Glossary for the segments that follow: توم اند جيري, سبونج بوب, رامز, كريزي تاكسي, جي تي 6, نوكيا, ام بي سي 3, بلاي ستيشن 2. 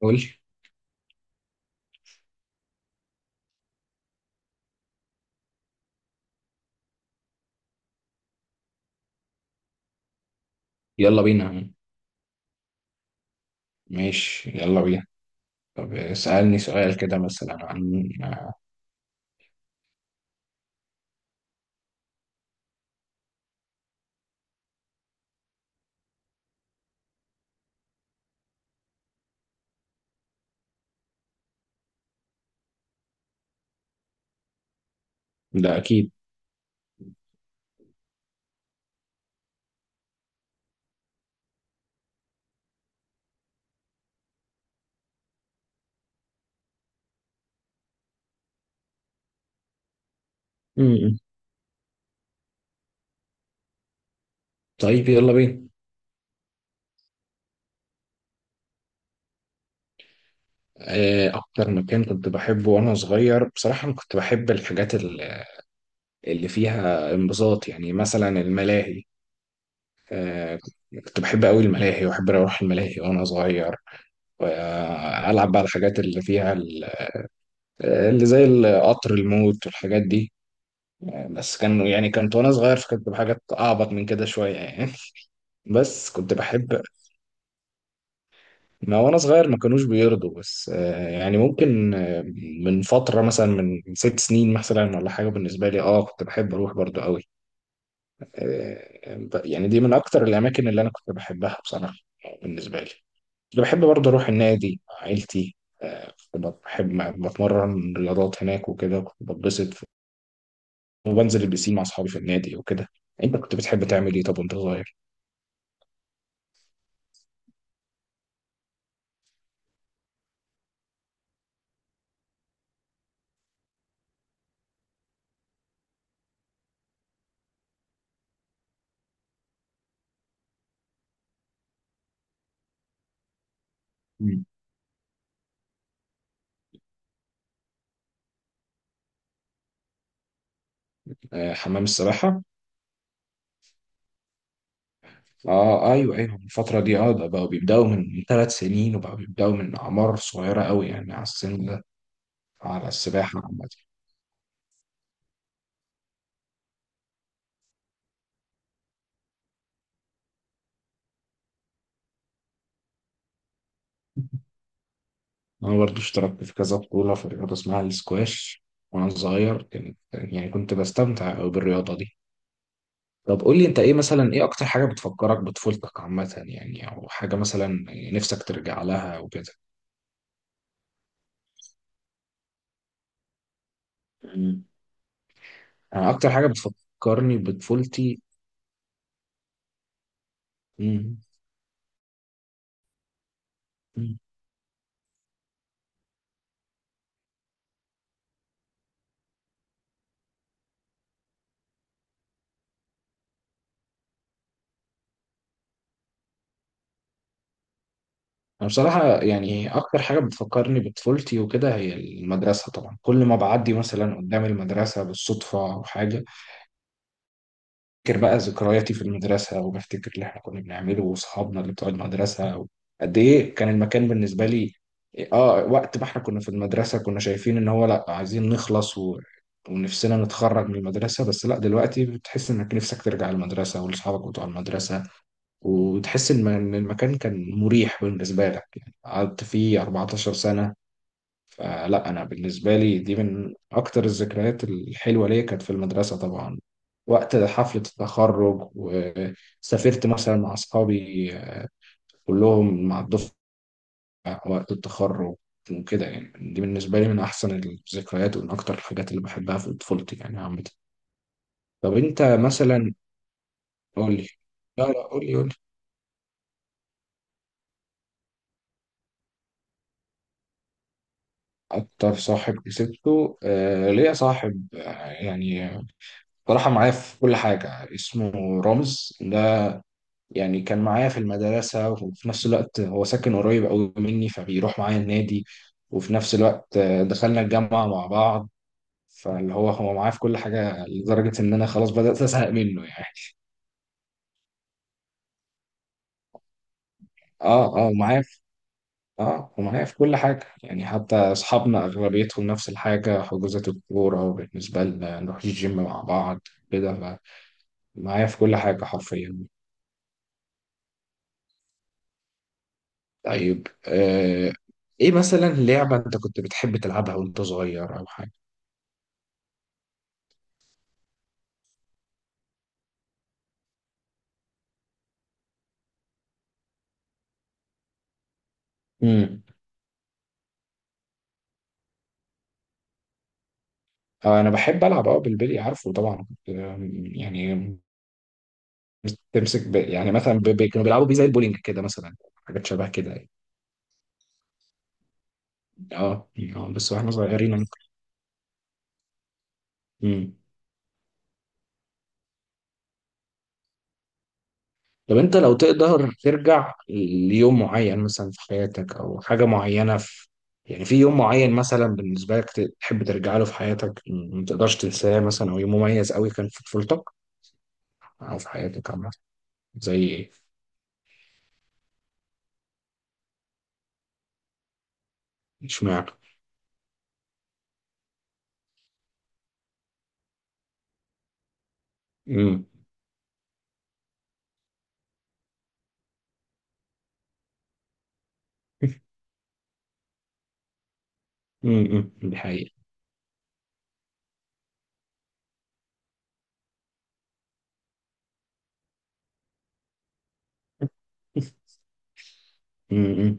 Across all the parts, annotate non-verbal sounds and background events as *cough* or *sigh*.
قول. يلا بينا. ماشي يلا بينا. طب اسألني سؤال كده مثلا عن. ده أكيد. م-م. طيب يلا بينا. أكتر مكان كنت بحبه وأنا صغير بصراحة أنا كنت بحب الحاجات اللي فيها انبساط، يعني مثلا الملاهي. آه، كنت بحب أوي الملاهي وأحب أروح الملاهي وأنا صغير، وألعب بقى الحاجات اللي فيها اللي زي القطر الموت والحاجات دي. بس كان يعني كنت وانا صغير، فكنت بحاجات اعبط من كده شويه يعني. بس كنت بحب. ما وانا صغير ما كانوش بيرضوا، بس يعني ممكن من فترة مثلا من 6 سنين مثلا ولا حاجة بالنسبة لي، اه كنت بحب اروح برضو قوي. يعني دي من اكتر الاماكن اللي انا كنت بحبها بصراحة. بالنسبة لي كنت بحب برضو اروح النادي مع عيلتي. كنت بحب بتمرن رياضات هناك وكده، كنت بتبسط، وبنزل البسين مع اصحابي في النادي وكده. انت كنت بتحب تعمل ايه طب وانت صغير؟ مم. آه، حمام السباحة. اه، ايوه، ايوه، الفترة دي اه ده بقوا بيبدأوا من 3 سنين وبقوا بيبدأوا من أعمار صغيرة قوي يعني على السن ده. على السباحة عامة. أنا برضو اشتركت في كذا بطولة في رياضة اسمها السكواش، وأنا صغير كان يعني كنت بستمتع أوي بالرياضة دي. طب قول لي أنت إيه مثلا، إيه أكتر حاجة بتفكرك بطفولتك عامة يعني؟ أو حاجة مثلا نفسك ترجع لها وكده. مم. أنا أكتر حاجة بتفكرني بطفولتي. مم. أنا بصراحة يعني أكتر حاجة بتفكرني بطفولتي وكده هي المدرسة طبعا. كل ما بعدي مثلا قدام المدرسة بالصدفة أو حاجة، بفتكر بقى ذكرياتي في المدرسة، وبفتكر اللي إحنا كنا بنعمله وأصحابنا اللي بتوع المدرسة، قد إيه كان المكان بالنسبة لي. وقت ما إحنا كنا في المدرسة كنا شايفين إن هو لأ عايزين نخلص، ونفسنا نتخرج من المدرسة. بس لأ دلوقتي بتحس إنك نفسك ترجع المدرسة ولأصحابك بتوع المدرسة، وتحس إن المكان كان مريح بالنسبة لك، يعني قعدت فيه 14 سنة. فلا أنا بالنسبة لي دي من أكتر الذكريات الحلوة ليا، كانت في المدرسة طبعا، وقت حفلة التخرج، وسافرت مثلا مع أصحابي كلهم مع الدفعة وقت التخرج وكده، يعني دي بالنسبة لي من أحسن الذكريات ومن أكتر الحاجات اللي بحبها في طفولتي يعني عامة. طب أنت مثلا. قول لي. لا، لا، قول لي. أكتر صاحب كسبته، آه ليا صاحب يعني صراحة معايا في كل حاجة، اسمه رامز ده. يعني كان معايا في المدرسة وفي نفس الوقت هو ساكن قريب أوي مني، فبيروح معايا النادي، وفي نفس الوقت دخلنا الجامعة مع بعض. فاللي هو هو معايا في كل حاجة لدرجة إن أنا خلاص بدأت أزهق منه يعني. اه، اه، معايا في. اه، ومعايا في كل حاجة، يعني حتى أصحابنا أغلبيتهم نفس الحاجة، حجوزات الكورة بالنسبة لنا نروح الجيم مع بعض كده، معايا في كل حاجة حرفيا. طيب ايه مثلا لعبة انت كنت بتحب تلعبها وانت صغير؟ او حاجة. امم. آه، انا بحب العب بالبلي، عارفه طبعا كنت، يعني تمسك يعني مثلا كانوا بيلعبوا بيه زي البولينج كده مثلا، حاجات شبه كده يعني. اه يعني بس واحنا صغيرين. امم. طب انت لو تقدر ترجع ليوم معين مثلا في حياتك، او حاجة معينة في، يعني في يوم معين مثلا بالنسبة لك تحب ترجع له في حياتك ما تقدرش تنساه مثلا، او يوم مميز قوي كان في طفولتك او في حياتك عامة؟ زي ايه؟ اشمعنى؟ امم. *laughs* امم، أمم، دي حقيقة. *laughs* امم.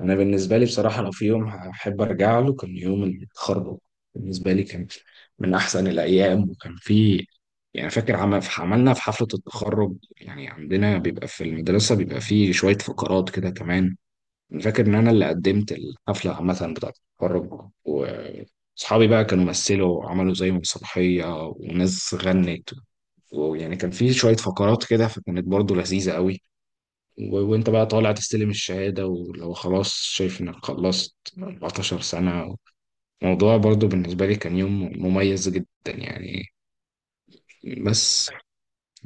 انا بالنسبه لي بصراحه، لو في يوم هحب ارجع له كان يوم التخرج. بالنسبه لي كان من احسن الايام، وكان في يعني فاكر عمل عملنا في حفله التخرج، يعني عندنا بيبقى في المدرسه بيبقى في شويه فقرات كده كمان. انا فاكر ان انا اللي قدمت الحفله عامه بتاعه التخرج، واصحابي بقى كانوا مثلوا وعملوا زي مسرحيه وناس غنت، ويعني كان في شويه فقرات كده فكانت برضو لذيذه قوي، وانت بقى طالع تستلم الشهادة، ولو خلاص شايف انك خلصت 14 سنة، الموضوع برضو بالنسبة لي كان يوم مميز جدا يعني. بس.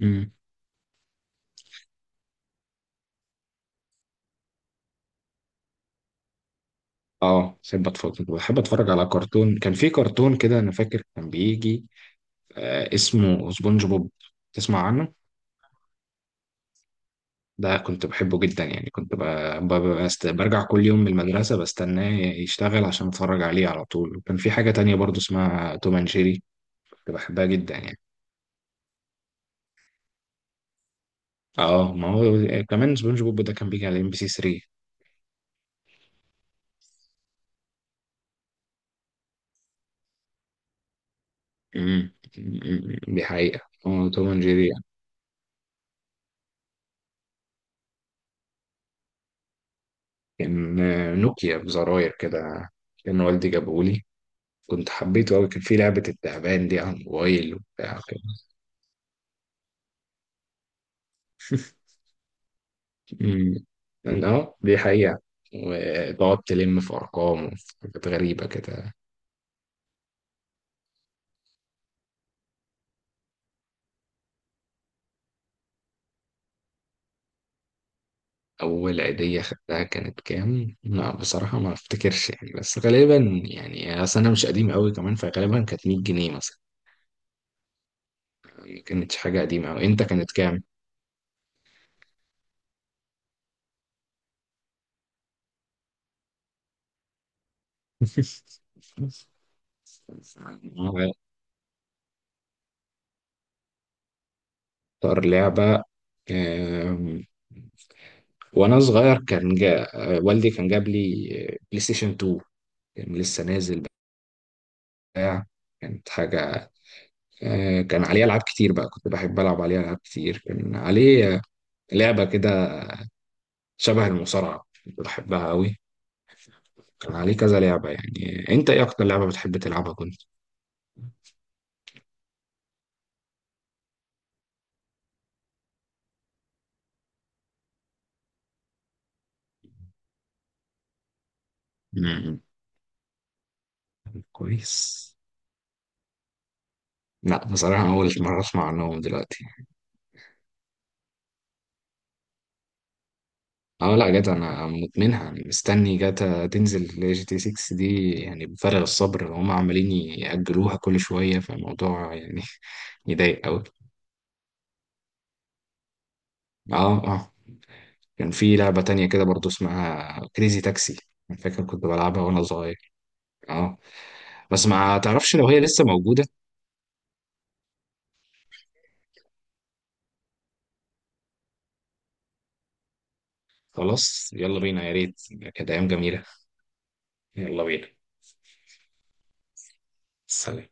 امم. اه، بحب اتفرج على كرتون. كان في كرتون كده انا فاكر كان بيجي اسمه سبونج بوب، تسمع عنه؟ ده كنت بحبه جدا يعني، كنت ب... برجع كل يوم من المدرسة بستناه يشتغل عشان اتفرج عليه على طول، وكان في حاجة تانية برضو اسمها توم اند جيري، كنت بحبها جدا يعني. اه، ما هو كمان سبونج بوب ده كان بيجي على MBC 3. امم، دي حقيقة. هو توم اند جيري يعني. كان نوكيا بزراير كده، كان والدي جابهولي، كنت حبيته أوي، كان في لعبة التعبان دي على الموبايل وبتاع كده. أمم. اه، دي حقيقة. وتقعد تلم في أرقام وفي حاجات غريبة كده. أول عيدية خدتها كانت كام؟ لا بصراحة ما أفتكرش يعني، بس غالبا يعني، أصل أنا مش قديم أوي كمان، فغالبا كانت 100 جنيه مثلا. كانت حاجة قديمة أوي، أنت كانت كام؟ *laughs* أكتر لعبة آم، وأنا صغير كان والدي كان جاب لي بلاي ستيشن 2، كان لسه نازل بتاع، كانت حاجة كان عليه ألعاب كتير بقى، كنت بحب ألعب عليه ألعاب كتير، كان عليه لعبة كده شبه المصارعة كنت بحبها أوي، كان عليه كذا لعبة يعني. أنت إيه أكتر لعبة بتحب تلعبها كنت؟ مم. كويس. لا بصراحة أول مرة أسمع عنهم دلوقتي. أه لا جدع، أنا مدمنها يعني، مستني جاتا تنزل ل GT 6 دي يعني بفارغ الصبر، هم عمالين يأجلوها كل شوية، فالموضوع يعني *laughs* يضايق أوي. أه، أه. كان في لعبة تانية كده برضو اسمها كريزي تاكسي، أنا فاكر كنت بلعبها وأنا صغير. أه. بس ما تعرفش لو هي لسه موجودة. خلاص يلا بينا يا ريت، كانت أيام جميلة. يلا بينا. سلام.